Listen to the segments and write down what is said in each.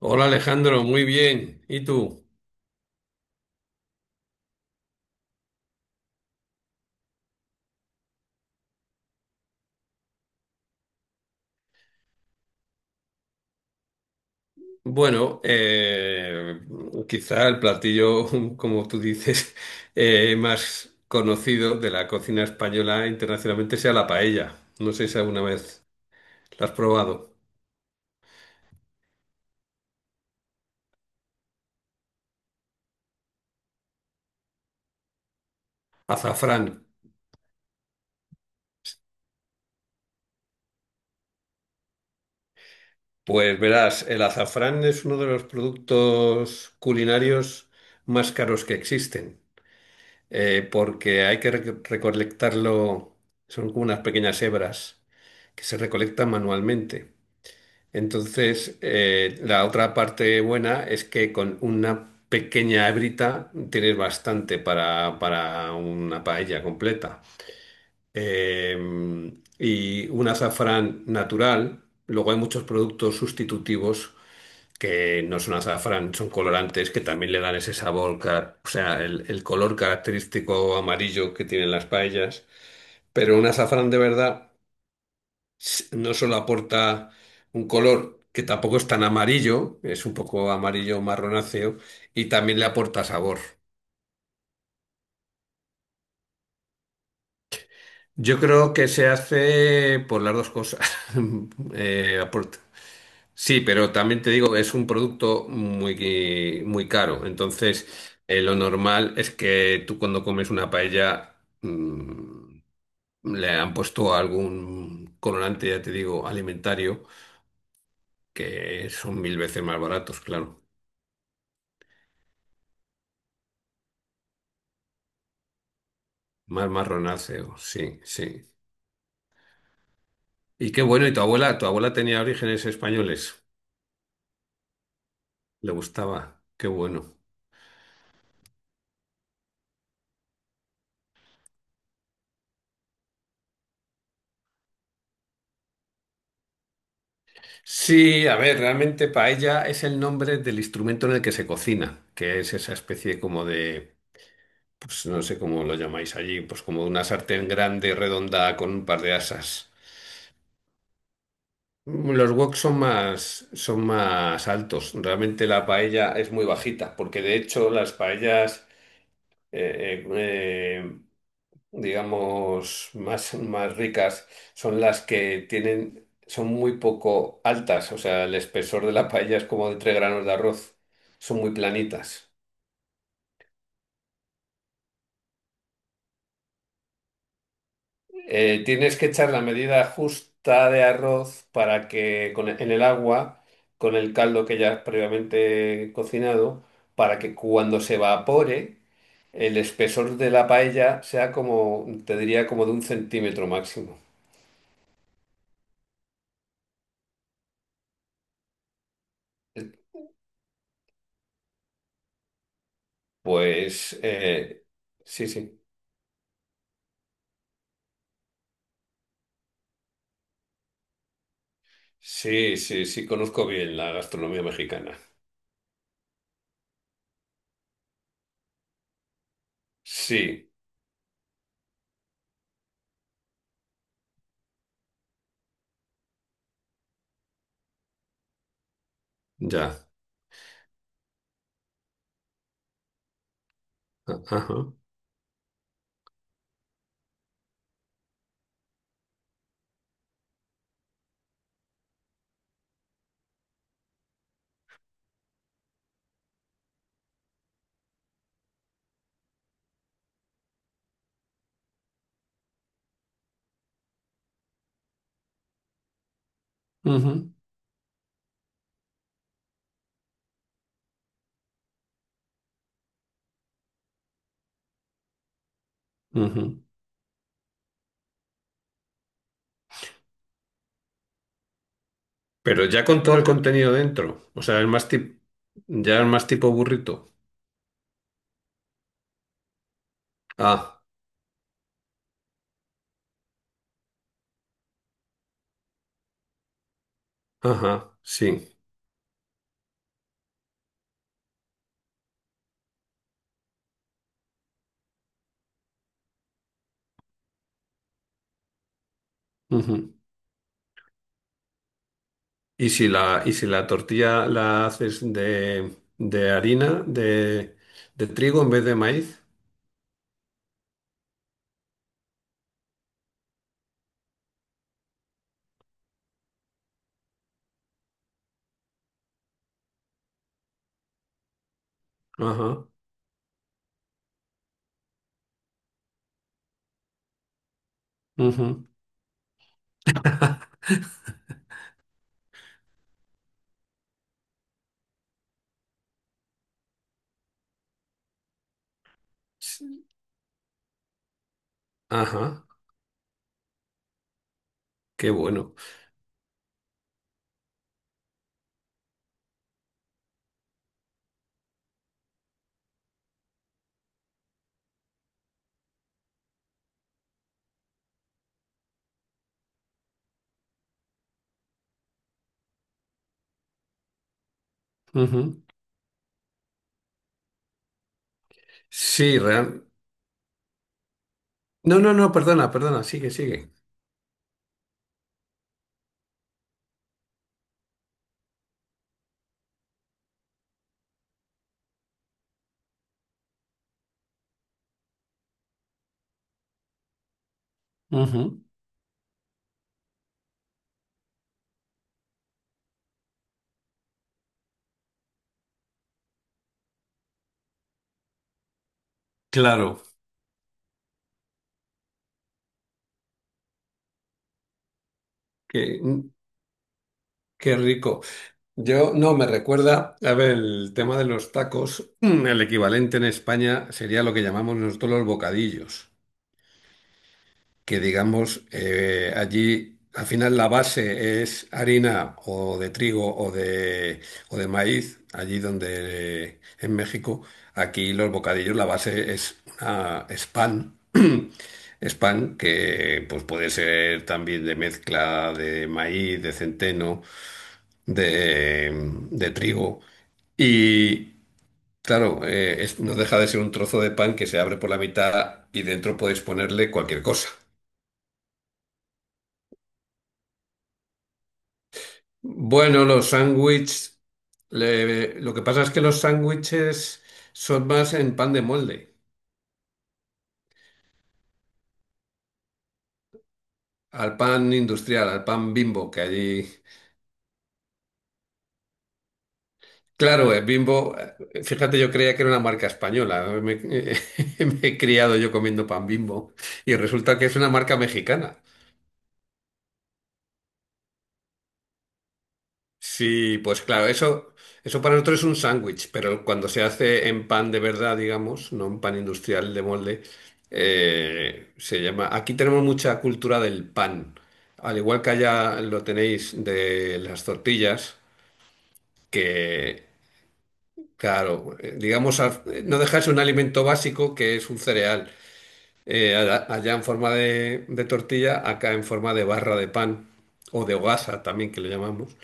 Hola Alejandro, muy bien. ¿Y tú? Bueno, eh, quizá el platillo, como tú dices, más conocido de la cocina española internacionalmente sea la paella. No sé si alguna vez la has probado. Azafrán. Pues verás, el azafrán es uno de los productos culinarios más caros que existen, porque hay que recolectarlo, son como unas pequeñas hebras que se recolectan manualmente. Entonces, la otra parte buena es que con una pequeña hebrita tienes bastante para una paella completa. Eh, y un azafrán natural. Luego hay muchos productos sustitutivos que no son azafrán, son colorantes que también le dan ese sabor, o sea, el color característico amarillo que tienen las paellas. Pero un azafrán de verdad no solo aporta un color que tampoco es tan amarillo, es un poco amarillo marronáceo, y también le aporta sabor. Yo creo que se hace por las dos cosas. Aporta. Sí, pero también te digo, es un producto muy, muy caro. Entonces, lo normal es que tú, cuando comes una paella, mm, le han puesto algún colorante, ya te digo, alimentario, que son mil veces más baratos, claro. Más marronáceo, sí, sí. Y qué bueno, y tu abuela tenía orígenes españoles, le gustaba, qué bueno. Sí, a ver, realmente paella es el nombre del instrumento en el que se cocina, que es esa especie como de, pues no sé cómo lo llamáis allí, pues como una sartén grande, redonda, con un par de asas. Los woks son más altos, realmente la paella es muy bajita, porque de hecho las paellas... eh, eh, eh, digamos, más ricas son las que tienen, son muy poco altas, o sea, el espesor de la paella es como de tres granos de arroz, son muy planitas. Tienes que echar la medida justa de arroz para que en el agua, con el caldo que ya has previamente cocinado, para que cuando se evapore, el espesor de la paella sea como, te diría, como de un centímetro máximo. Pues eh, sí, sí. Sí, sí, sí, conozco bien la gastronomía mexicana. Sí, ya. Ajá. Ujú, ujú. Pero ya con todo el contenido dentro. O sea, es más tipo, ya es más tipo burrito. Ah, ajá, sí. Ujú. Y si la tortilla la haces de harina, de trigo en vez de maíz. Ajá. Ujú. Sí, ajá. Qué bueno. Ujú. Sí, real. No, no, no, perdona, perdona, sigue, sigue. Claro, qué, qué rico. Yo no me recuerda, a ver, el tema de los tacos, el equivalente en España sería lo que llamamos nosotros los bocadillos, que digamos allí al final la base es harina o de trigo o de maíz, allí donde en México, aquí los bocadillos la base es, una, es pan. Es pan que pues puede ser también de mezcla de maíz, de centeno. De, de trigo. Y claro, no deja de ser un trozo de pan que se abre por la mitad y dentro podéis ponerle cualquier cosa. Bueno, los sándwiches, lo que pasa es que los sándwiches son más en pan de molde, al pan industrial, al pan Bimbo, que allí... Claro, el Bimbo, fíjate, yo creía que era una marca española, me me he criado yo comiendo pan Bimbo y resulta que es una marca mexicana. Sí, pues claro, eso para nosotros es un sándwich, pero cuando se hace en pan de verdad, digamos, no en pan industrial de molde, se llama. Aquí tenemos mucha cultura del pan, al igual que allá lo tenéis de las tortillas, que, claro, digamos, no dejáis un alimento básico que es un cereal. Allá en forma de tortilla, acá en forma de barra de pan o de hogaza también que le llamamos.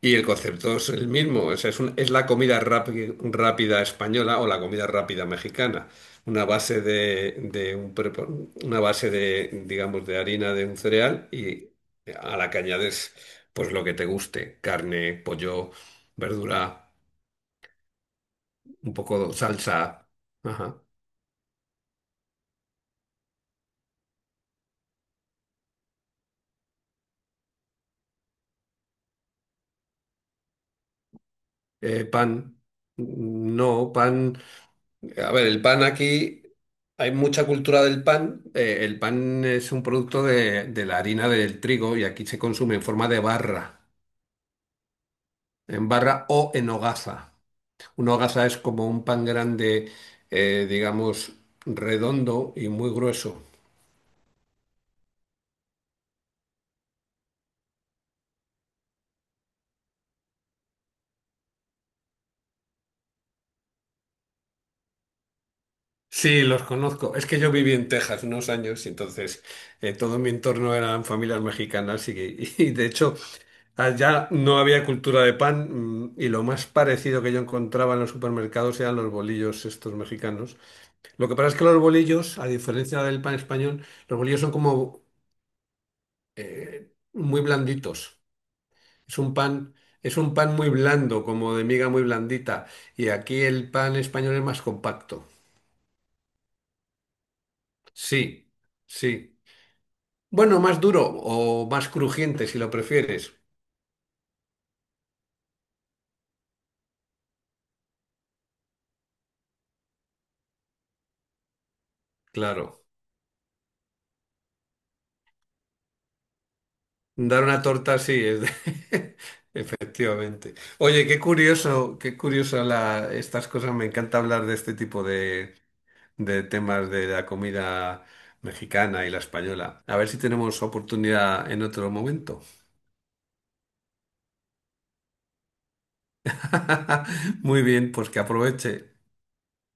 Y el concepto es el mismo, o sea, es, es la comida rápida española o la comida rápida mexicana. Una base de un una base de, digamos, de harina de un cereal y a la que añades pues lo que te guste, carne, pollo, verdura, un poco de salsa, ajá. Eh, pan, no, pan. A ver, el pan aquí, hay mucha cultura del pan. El pan es un producto de la harina del trigo y aquí se consume en forma de barra, en barra o en hogaza. Una hogaza es como un pan grande, digamos, redondo y muy grueso. Sí, los conozco. Es que yo viví en Texas unos años y entonces todo mi entorno eran familias mexicanas y de hecho allá no había cultura de pan, y lo más parecido que yo encontraba en los supermercados eran los bolillos estos mexicanos. Lo que pasa es que los bolillos, a diferencia del pan español, los bolillos son como muy blanditos. Es un pan, es un pan muy blando, como de miga muy blandita. Y aquí el pan español es más compacto. Sí, sí. Bueno, más duro o más crujiente si lo prefieres. Claro. Dar una torta sí es de... Efectivamente. Oye, qué curioso la, estas cosas. Me encanta hablar de este tipo de temas de la comida mexicana y la española. A ver si tenemos oportunidad en otro momento. Muy bien, pues que aproveche.